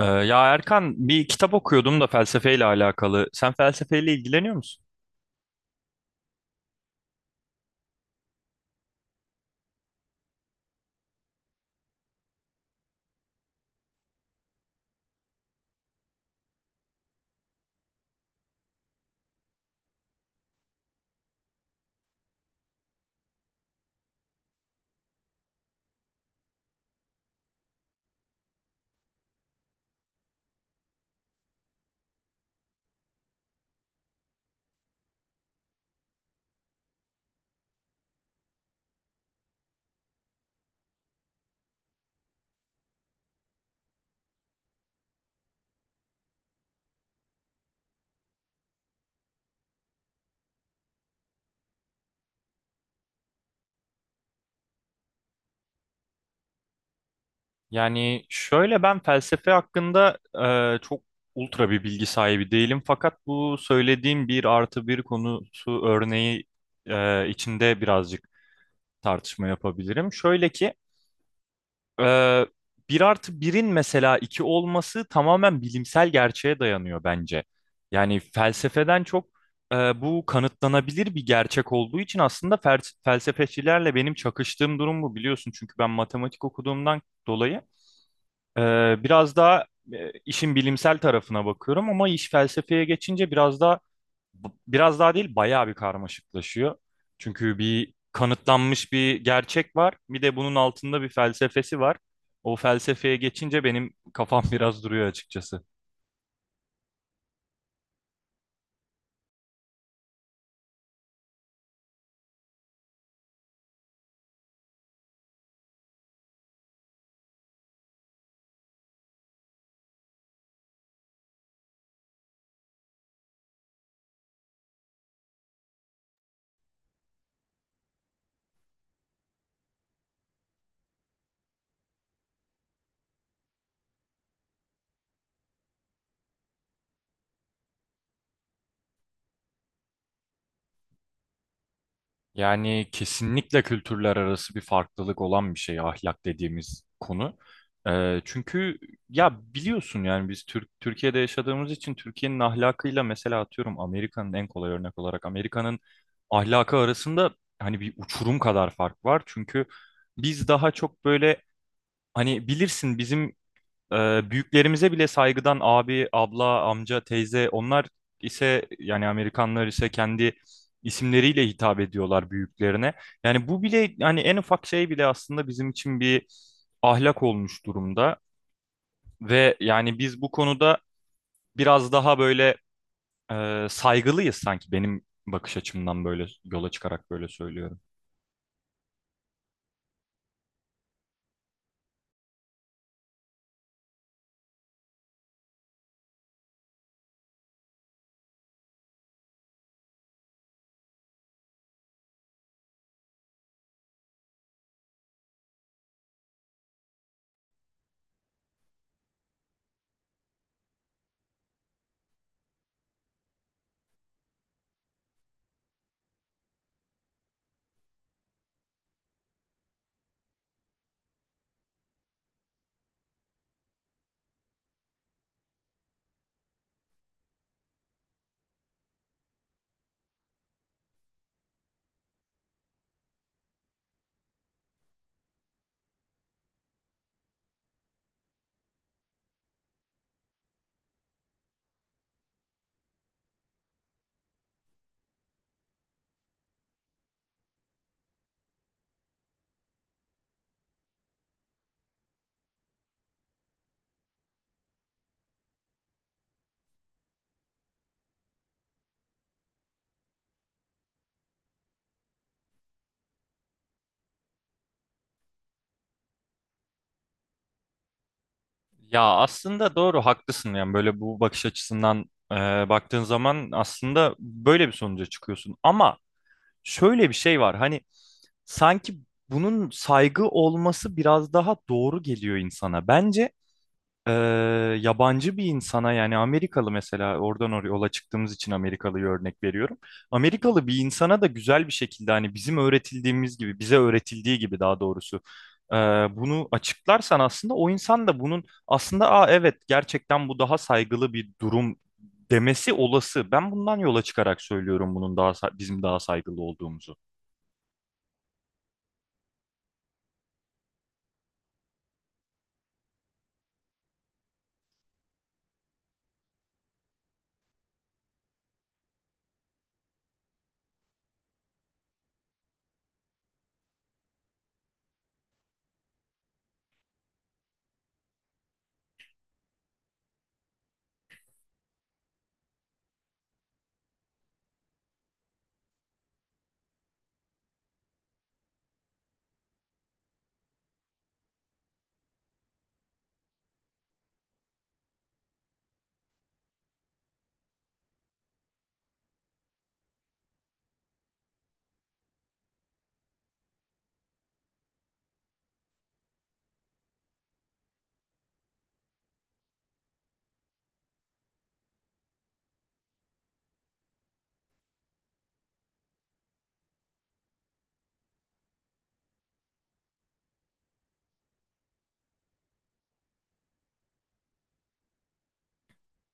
Ya Erkan, bir kitap okuyordum da felsefeyle alakalı. Sen felsefeyle ilgileniyor musun? Yani şöyle, ben felsefe hakkında çok ultra bir bilgi sahibi değilim. Fakat bu söylediğim bir artı bir konusu örneği içinde birazcık tartışma yapabilirim. Şöyle ki, Ee, bir artı birin mesela iki olması tamamen bilimsel gerçeğe dayanıyor bence. Yani felsefeden çok bu kanıtlanabilir bir gerçek olduğu için aslında felsefecilerle benim çakıştığım durum bu, biliyorsun. Çünkü ben matematik okuduğumdan dolayı e, biraz daha işin bilimsel tarafına bakıyorum ama iş felsefeye geçince biraz daha değil, bayağı bir karmaşıklaşıyor. Çünkü bir kanıtlanmış bir gerçek var. Bir de bunun altında bir felsefesi var. O felsefeye geçince benim kafam biraz duruyor açıkçası. Yani kesinlikle kültürler arası bir farklılık olan bir şey ahlak dediğimiz konu. Çünkü ya biliyorsun, yani biz Türkiye'de yaşadığımız için Türkiye'nin ahlakıyla, mesela atıyorum Amerika'nın en kolay örnek olarak Amerika'nın ahlakı arasında hani bir uçurum kadar fark var. Çünkü biz daha çok böyle, hani bilirsin, bizim büyüklerimize bile saygıdan abi, abla, amca, teyze; onlar ise yani Amerikanlar ise kendi isimleriyle hitap ediyorlar büyüklerine. Yani bu bile, yani en ufak şey bile aslında bizim için bir ahlak olmuş durumda ve yani biz bu konuda biraz daha böyle saygılıyız sanki, benim bakış açımdan böyle yola çıkarak böyle söylüyorum. Ya aslında doğru, haklısın. Yani böyle bu bakış açısından e, baktığın zaman aslında böyle bir sonuca çıkıyorsun ama şöyle bir şey var. Hani sanki bunun saygı olması biraz daha doğru geliyor insana. Bence e, yabancı bir insana, yani Amerikalı, mesela oradan oraya yola çıktığımız için Amerikalı'yı örnek veriyorum. Amerikalı bir insana da güzel bir şekilde, hani bizim öğretildiğimiz gibi bize öğretildiği gibi daha doğrusu, e, bunu açıklarsan aslında o insan da bunun aslında, Aa, evet, gerçekten bu daha saygılı bir durum demesi olası. Ben bundan yola çıkarak söylüyorum bunun daha bizim daha saygılı olduğumuzu.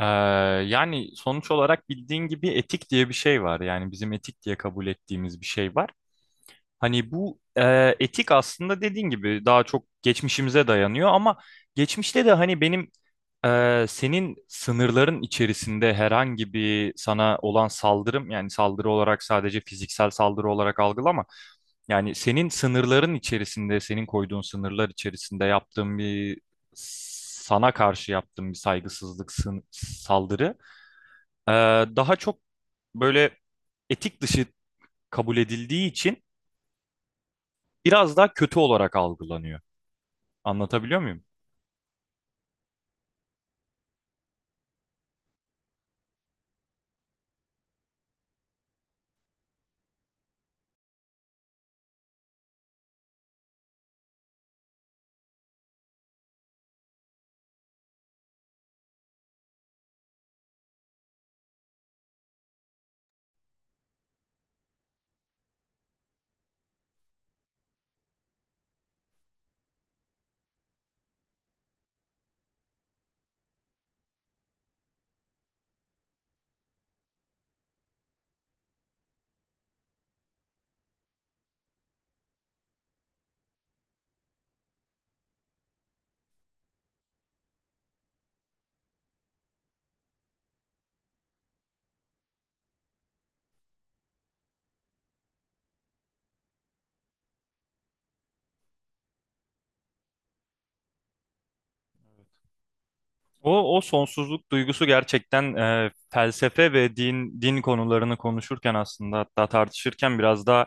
Ee, yani sonuç olarak bildiğin gibi etik diye bir şey var. Yani bizim etik diye kabul ettiğimiz bir şey var. Hani bu etik aslında dediğin gibi daha çok geçmişimize dayanıyor ama geçmişte de hani benim, senin sınırların içerisinde herhangi bir sana olan saldırım, yani saldırı olarak sadece fiziksel saldırı olarak algılama. Yani senin sınırların içerisinde, senin koyduğun sınırlar içerisinde yaptığım bir sana karşı yaptığım bir saygısızlık sın- saldırı ee, daha çok böyle etik dışı kabul edildiği için biraz daha kötü olarak algılanıyor. Anlatabiliyor muyum? O, o sonsuzluk duygusu gerçekten, felsefe ve din konularını konuşurken aslında, hatta tartışırken, biraz daha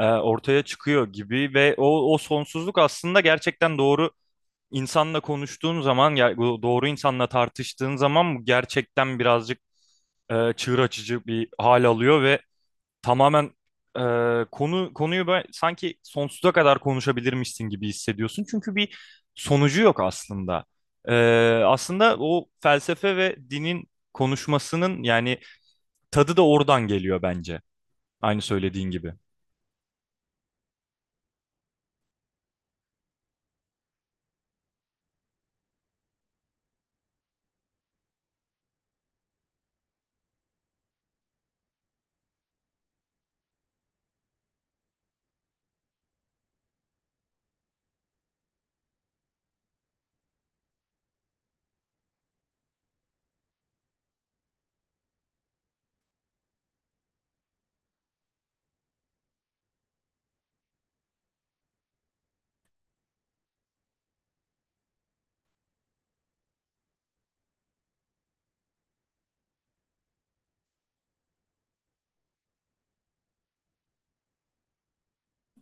ortaya çıkıyor gibi ve o, o sonsuzluk aslında gerçekten doğru insanla konuştuğun zaman, bu doğru insanla tartıştığın zaman bu gerçekten birazcık çığır açıcı bir hal alıyor ve tamamen e, konuyu böyle sanki sonsuza kadar konuşabilirmişsin gibi hissediyorsun. Çünkü bir sonucu yok aslında. E, aslında o felsefe ve dinin konuşmasının, yani tadı da oradan geliyor bence. Aynı söylediğin gibi.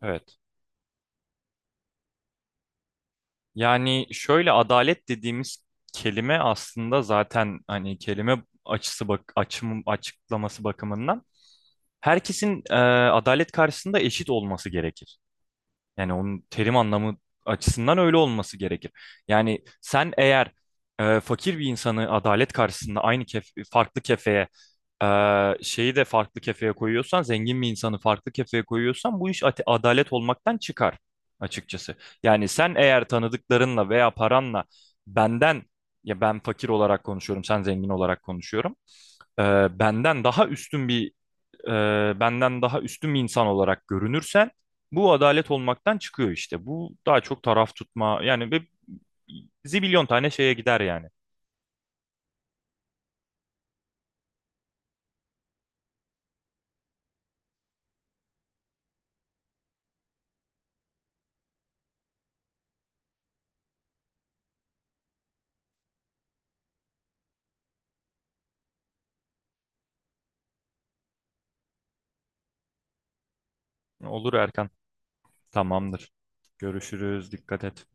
Evet. Yani şöyle, adalet dediğimiz kelime aslında zaten, hani kelime açısı bak açım açıklaması bakımından herkesin adalet karşısında eşit olması gerekir. Yani onun terim anlamı açısından öyle olması gerekir. Yani sen eğer fakir bir insanı adalet karşısında aynı kef farklı kefeye, şeyi de farklı kefeye koyuyorsan, zengin bir insanı farklı kefeye koyuyorsan bu iş adalet olmaktan çıkar açıkçası. Yani sen eğer tanıdıklarınla veya paranla benden, ya ben fakir olarak konuşuyorum, sen zengin olarak konuşuyorum, e, benden daha üstün bir e, benden daha üstün bir insan olarak görünürsen bu adalet olmaktan çıkıyor işte. Bu daha çok taraf tutma, yani, ve zibilyon tane şeye gider yani. Olur Erkan. Tamamdır. Görüşürüz. Dikkat et.